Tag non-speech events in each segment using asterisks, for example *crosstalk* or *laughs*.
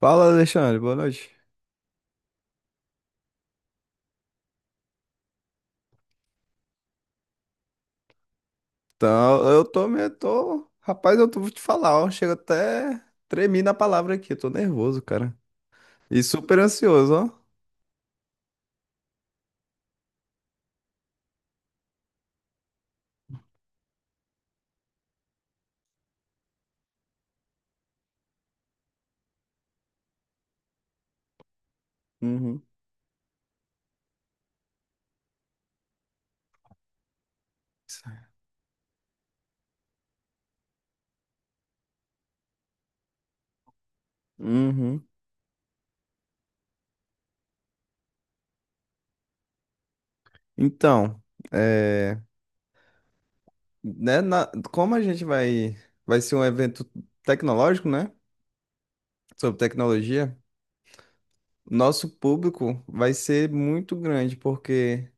Fala, Alexandre, boa noite. Então, eu tô, rapaz, vou te falar, ó, chega até tremi na palavra aqui, eu tô nervoso, cara. E super ansioso, ó. Uhum, uhum. Então, é, como a gente vai ser um evento tecnológico, né, sobre tecnologia, nosso público vai ser muito grande, porque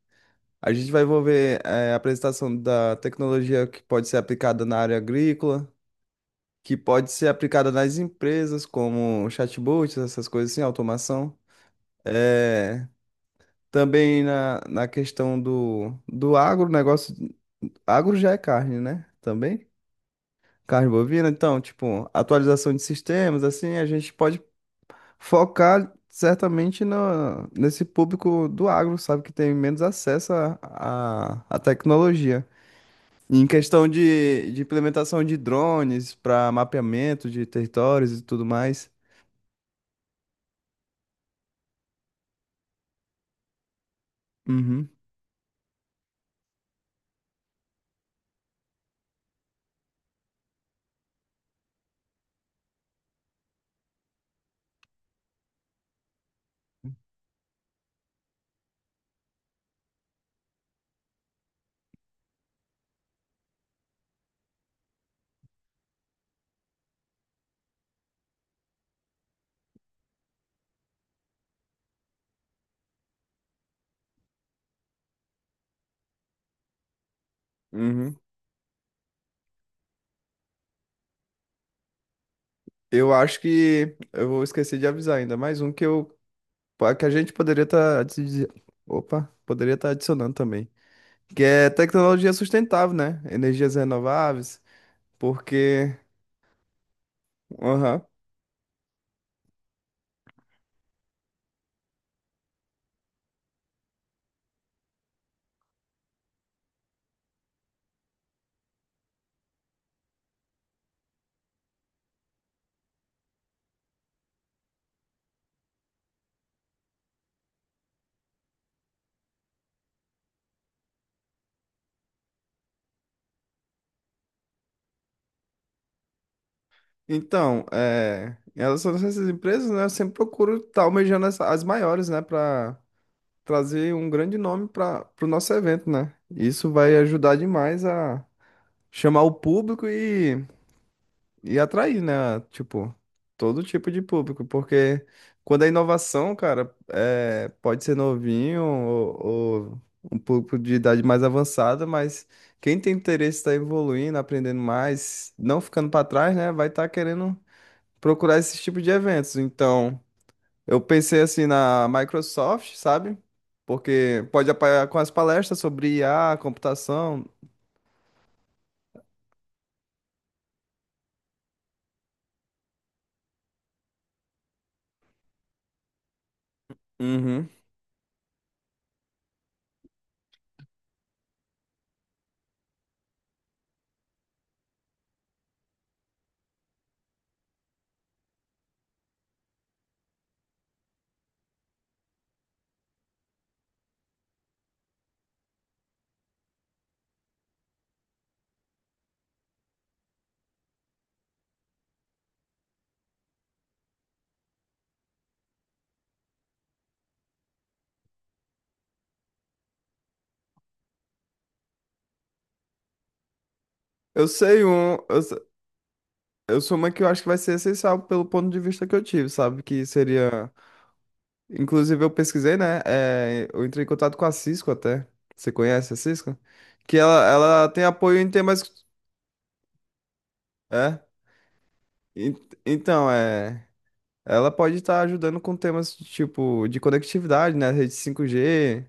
a gente vai envolver, é, a apresentação da tecnologia que pode ser aplicada na área agrícola, que pode ser aplicada nas empresas, como chatbots, essas coisas assim, automação. É, também na questão do agro, negócio. Agro já é carne, né? Também. Carne bovina. Então, tipo, atualização de sistemas, assim, a gente pode focar certamente no, nesse público do agro, sabe? Que tem menos acesso à tecnologia. Em questão de implementação de drones para mapeamento de territórios e tudo mais. Uhum, uhum. Eu acho que eu vou esquecer de avisar ainda mais um que a gente poderia estar opa, poderia estar adicionando também, que é tecnologia sustentável, né? Energias renováveis, porque aham. Então, é, em relação a essas empresas, né, eu sempre procuro estar almejando as maiores, né, para trazer um grande nome para o nosso evento, né? Isso vai ajudar demais a chamar o público e atrair, né? Tipo, todo tipo de público, porque quando é inovação, cara, é, pode ser novinho ou um público de idade mais avançada, mas quem tem interesse em estar evoluindo, aprendendo mais, não ficando para trás, né, vai estar querendo procurar esse tipo de eventos. Então, eu pensei assim na Microsoft, sabe? Porque pode apoiar com as palestras sobre I a computação. Uhum. Eu sei um. Eu sou uma que eu acho que vai ser essencial pelo ponto de vista que eu tive, sabe? Que seria. Inclusive, eu pesquisei, né? É, eu entrei em contato com a Cisco até. Você conhece a Cisco? Que ela tem apoio em temas. É. En- Então, é. Ela pode estar ajudando com temas de tipo de conectividade, né? Rede 5G.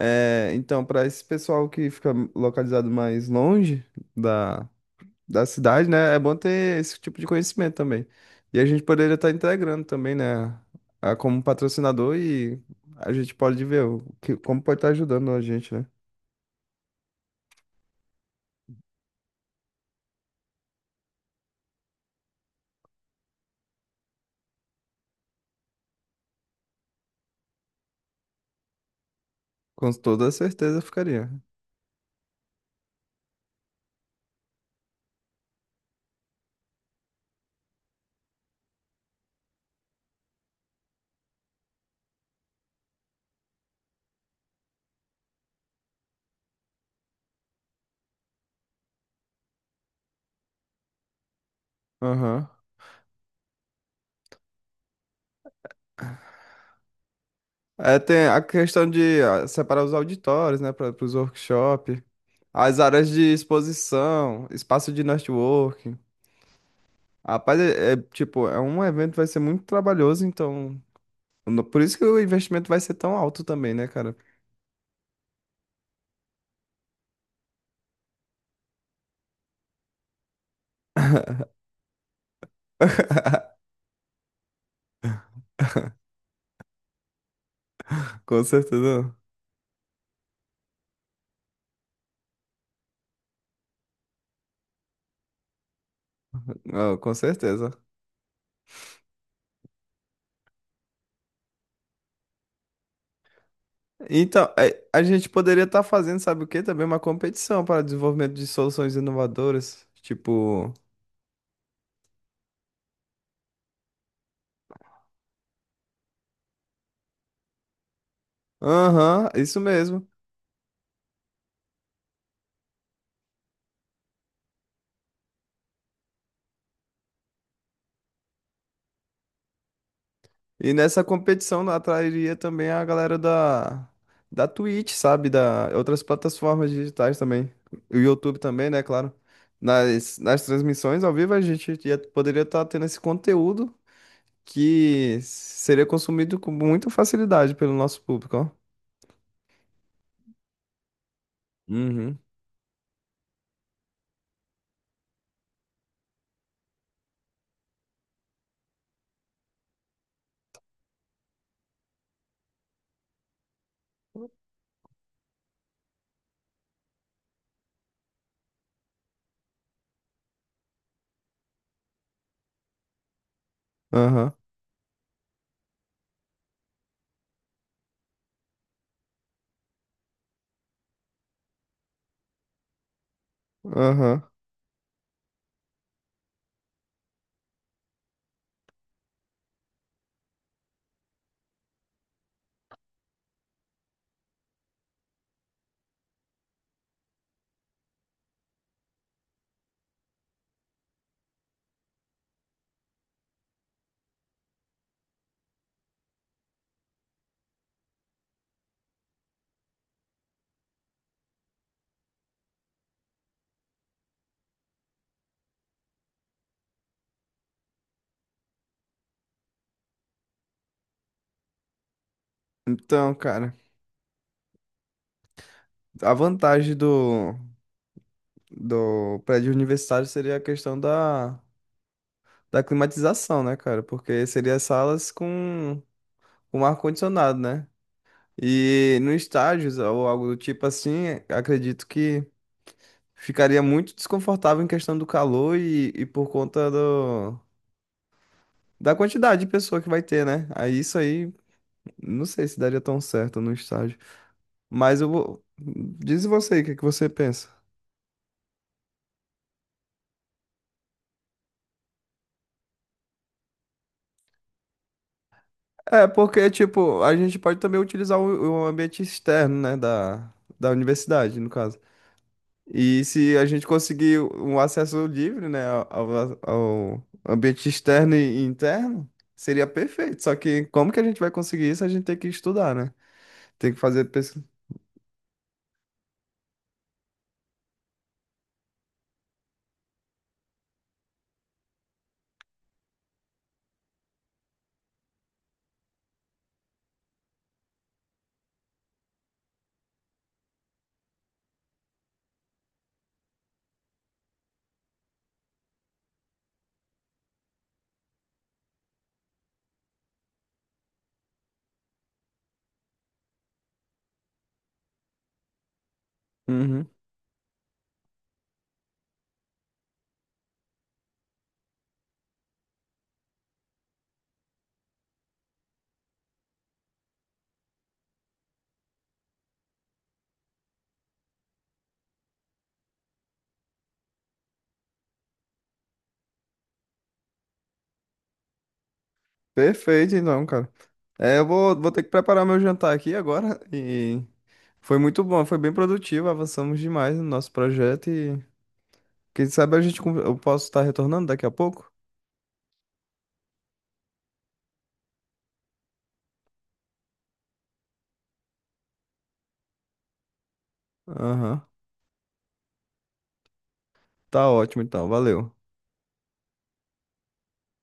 É, então, para esse pessoal que fica localizado mais longe da, da cidade, né? É bom ter esse tipo de conhecimento também. E a gente poderia estar integrando também, né? Como patrocinador e a gente pode ver o que, como pode estar ajudando a gente, né? Com toda certeza ficaria. Aham. É, tem a questão de ah, separar os auditórios, né, para os workshops, as áreas de exposição, espaço de networking. Rapaz, tipo, é um evento que vai ser muito trabalhoso, então, por isso que o investimento vai ser tão alto também, né, cara? *laughs* Com certeza. Ah, com certeza. Então, é, a gente poderia estar fazendo, sabe o quê? Também uma competição para desenvolvimento de soluções inovadoras. Tipo, aham, isso mesmo. E nessa competição atrairia também a galera da Twitch, sabe? Da outras plataformas digitais também. O YouTube também, né? Claro. Nas transmissões ao vivo, poderia estar tendo esse conteúdo que seria consumido com muita facilidade pelo nosso público, ó. Uhum. Aham, aham. Então, cara, a vantagem do prédio universitário seria a questão da climatização, né, cara? Porque seria salas com ar-condicionado, né? E no estágios ou algo do tipo assim, acredito que ficaria muito desconfortável em questão do calor e por conta da quantidade de pessoa que vai ter, né? Aí isso aí, não sei se daria tão certo no estágio. Mas eu vou. Diz você aí, o que é que você pensa? É, porque, tipo, a gente pode também utilizar o ambiente externo, né, da universidade, no caso. E se a gente conseguir um acesso livre, né, ao, ao ambiente externo e interno, seria perfeito. Só que como que a gente vai conseguir isso? A gente tem que estudar, né? Tem que fazer pesquisa. Uhum. Perfeito, então, cara. É, vou ter que preparar meu jantar aqui agora e foi muito bom, foi bem produtivo, avançamos demais no nosso projeto e quem sabe eu posso estar retornando daqui a pouco. Aham. Tá ótimo então, valeu.